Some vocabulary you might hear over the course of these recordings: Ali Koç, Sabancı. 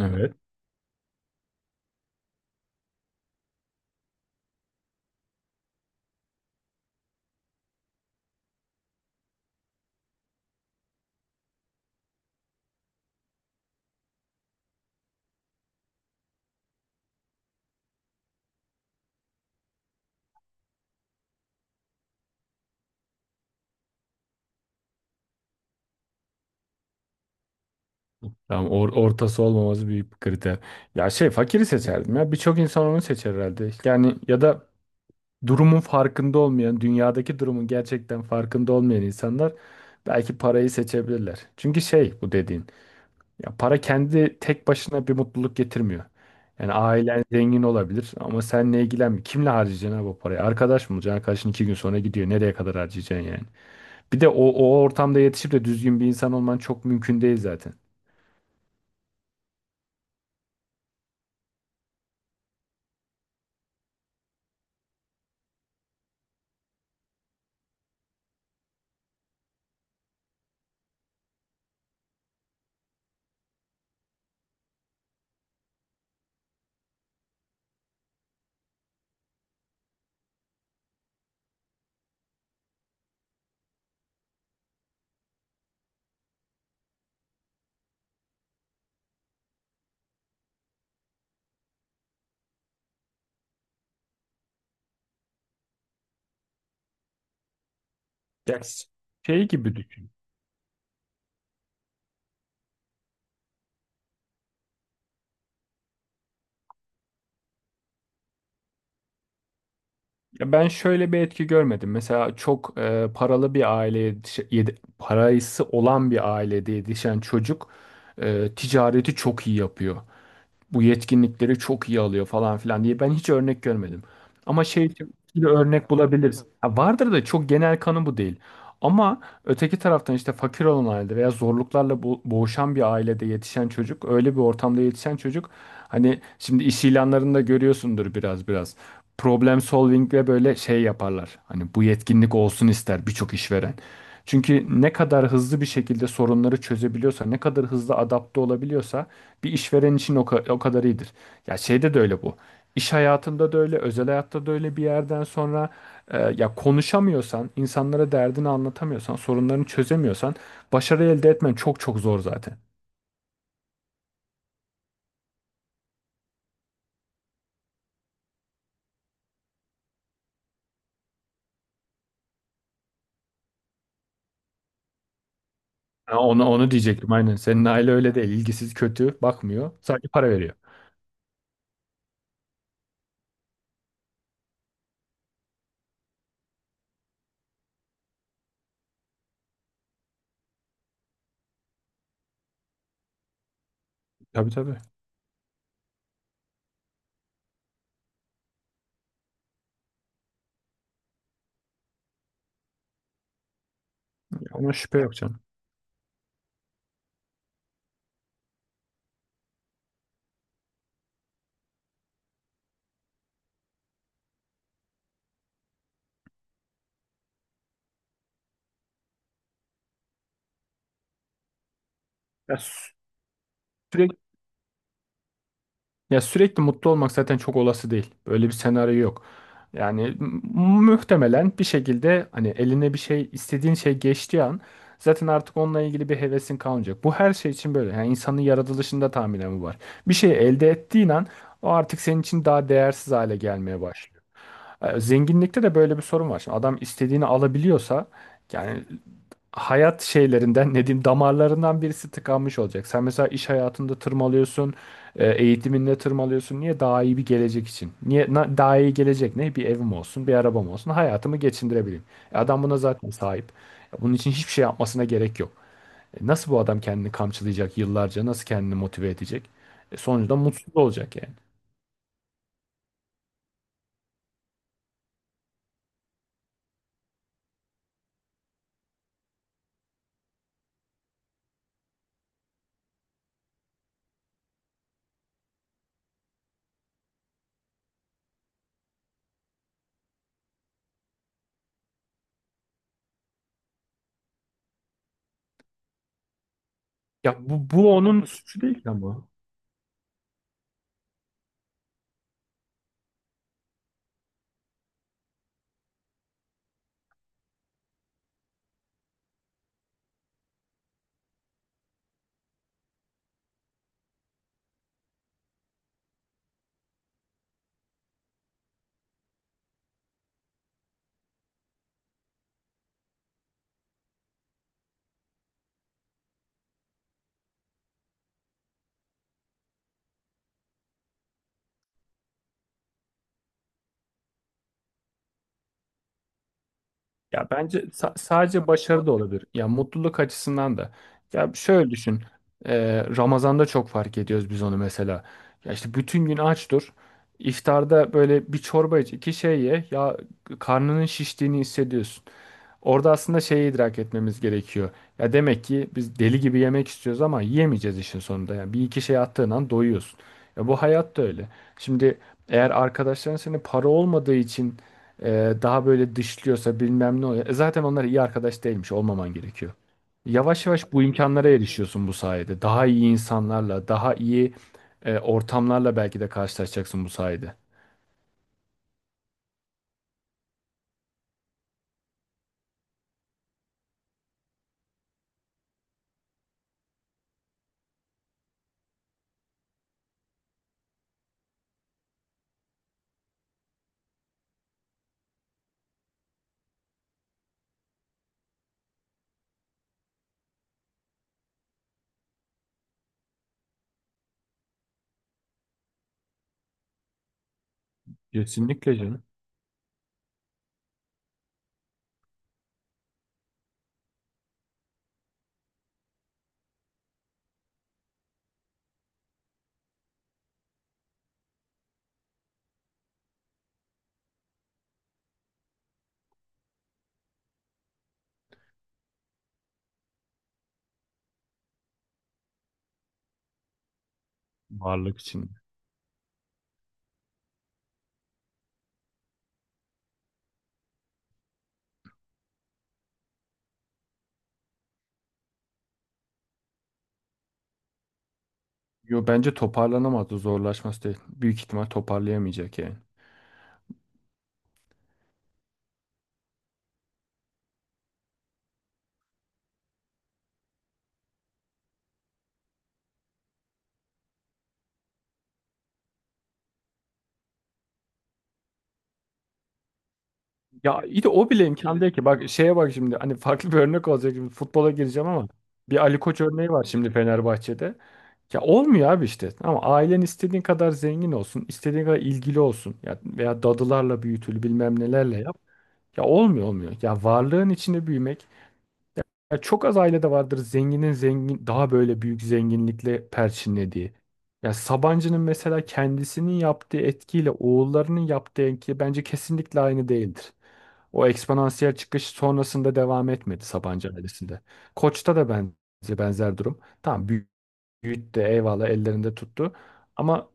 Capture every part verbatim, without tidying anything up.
Evet. Tamam or- ortası olmaması büyük bir kriter. Ya şey fakiri seçerdim ya. Birçok insan onu seçer herhalde. Yani ya da durumun farkında olmayan, dünyadaki durumun gerçekten farkında olmayan insanlar belki parayı seçebilirler. Çünkü şey bu dediğin. Ya para kendi tek başına bir mutluluk getirmiyor. Yani ailen zengin olabilir ama sen ne ilgilenmiyor. Kimle harcayacaksın ha bu parayı? Arkadaş mı olacaksın? Arkadaşın iki gün sonra gidiyor. Nereye kadar harcayacaksın yani? Bir de o, o ortamda yetişip de düzgün bir insan olman çok mümkün değil zaten. Ya şey gibi düşün. Ya ben şöyle bir etki görmedim. Mesela çok e, paralı bir aileye yetiş- yedi- parası olan bir ailede yetişen çocuk e, ticareti çok iyi yapıyor. Bu yetkinlikleri çok iyi alıyor falan filan diye ben hiç örnek görmedim. Ama şey için bir örnek bulabiliriz. Ha, vardır da çok genel kanı bu değil. Ama öteki taraftan işte fakir olan ailede veya zorluklarla bo- boğuşan bir ailede yetişen çocuk, öyle bir ortamda yetişen çocuk, hani şimdi iş ilanlarında görüyorsundur biraz biraz. Problem solving ve böyle şey yaparlar. Hani bu yetkinlik olsun ister birçok işveren. Çünkü ne kadar hızlı bir şekilde sorunları çözebiliyorsa, ne kadar hızlı adapte olabiliyorsa bir işveren için o, ka- o kadar iyidir. Ya şeyde de öyle bu. İş hayatında da öyle, özel hayatta da öyle bir yerden sonra e, ya konuşamıyorsan, insanlara derdini anlatamıyorsan, sorunlarını çözemiyorsan başarı elde etmen çok çok zor zaten. Ha, onu onu diyecektim aynen. Senin aile öyle değil. İlgisiz, kötü, bakmıyor. Sadece para veriyor. Tabii tabii. Ona şüphe yok canım. Ya, sü- sürekli Ya sürekli mutlu olmak zaten çok olası değil. Böyle bir senaryo yok. Yani m- muhtemelen bir şekilde hani eline bir şey istediğin şey geçtiği an zaten artık onunla ilgili bir hevesin kalmayacak. Bu her şey için böyle. Yani insanın yaratılışında tahminen bu var. Bir şey elde ettiğin an o artık senin için daha değersiz hale gelmeye başlıyor. Ee, Zenginlikte de böyle bir sorun var. Şimdi adam istediğini alabiliyorsa yani hayat şeylerinden ne diyeyim damarlarından birisi tıkanmış olacak. Sen mesela iş hayatında tırmalıyorsun, e, eğitiminde tırmalıyorsun. Niye? Daha iyi bir gelecek için. Niye? Na- Daha iyi gelecek ne? Bir evim olsun, bir arabam olsun, hayatımı geçindirebileyim. E, adam buna zaten sahip. E, Bunun için hiçbir şey yapmasına gerek yok. E, Nasıl bu adam kendini kamçılayacak yıllarca? Nasıl kendini motive edecek? E, sonuçta mutsuz olacak yani. Ya bu, bu onun suçu değil ki ama. Ya bence sa- sadece başarı da olabilir. Ya mutluluk açısından da. Ya şöyle düşün. Ee, Ramazan'da çok fark ediyoruz biz onu mesela. Ya işte bütün gün aç dur. İftarda böyle bir çorba iç, iki şey ye. Ya karnının şiştiğini hissediyorsun. Orada aslında şeyi idrak etmemiz gerekiyor. Ya demek ki biz deli gibi yemek istiyoruz ama yiyemeyeceğiz işin sonunda. Yani bir iki şey attığın an doyuyorsun. Ya bu hayat da öyle. Şimdi eğer arkadaşların seni para olmadığı için e, daha böyle dışlıyorsa bilmem ne oluyor. E, zaten onlar iyi arkadaş değilmiş, olmaman gerekiyor. Yavaş yavaş bu imkanlara erişiyorsun bu sayede. Daha iyi insanlarla, daha iyi e, ortamlarla belki de karşılaşacaksın bu sayede. Kesinlikle canım. Varlık için. Yo, bence toparlanamazdı, zorlaşması değil. Büyük ihtimal toparlayamayacak yani. Ya iyi de o bile imkan değil ki. Bak şeye bak şimdi, hani farklı bir örnek olacak. Şimdi futbola gireceğim ama bir Ali Koç örneği var şimdi Fenerbahçe'de. Ya olmuyor abi işte. Ama ailen istediğin kadar zengin olsun, istediğin kadar ilgili olsun. Ya veya dadılarla büyütül, bilmem nelerle yap. Ya olmuyor olmuyor. Ya varlığın içinde büyümek. Ya çok az ailede vardır zenginin zengin daha böyle büyük zenginlikle perçinlediği. Ya Sabancı'nın mesela kendisinin yaptığı etkiyle oğullarının yaptığı etki bence kesinlikle aynı değildir. O eksponansiyel çıkış sonrasında devam etmedi Sabancı ailesinde. Koç'ta da ben benzer durum. Tamam, Yiğit de eyvallah ellerinde tuttu. Ama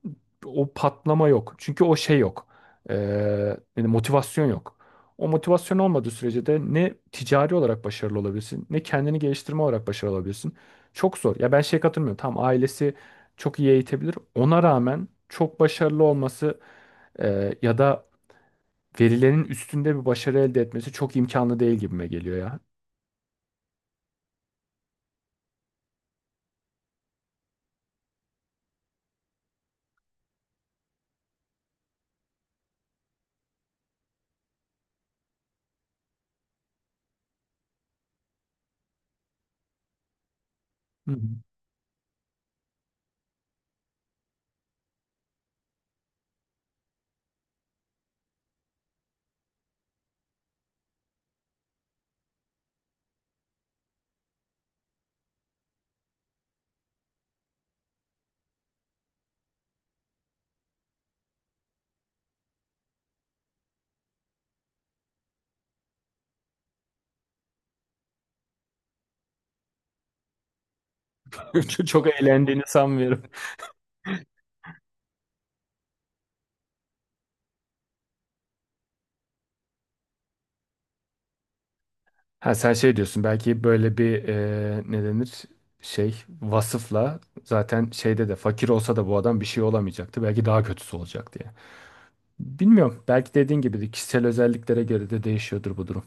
o patlama yok. Çünkü o şey yok. Ee, Yani motivasyon yok. O motivasyon olmadığı sürece de ne ticari olarak başarılı olabilirsin, ne kendini geliştirme olarak başarılı olabilirsin. Çok zor. Ya ben şey katılmıyorum. Tam ailesi çok iyi eğitebilir. Ona rağmen çok başarılı olması e, ya da verilenin üstünde bir başarı elde etmesi çok imkanlı değil gibime geliyor ya. Hı hı. Çok eğlendiğini sanmıyorum. Ha sen şey diyorsun, belki böyle bir e, ne denir şey vasıfla zaten şeyde de fakir olsa da bu adam bir şey olamayacaktı. Belki daha kötüsü olacak diye. Bilmiyorum. Belki dediğin gibi de kişisel özelliklere göre de değişiyordur bu durum.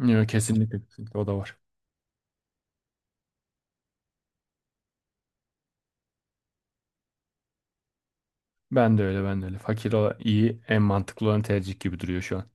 Yok, kesinlikle, kesinlikle o da var. Ben de öyle, ben de öyle. Fakir olan iyi en mantıklı olan tercih gibi duruyor şu an.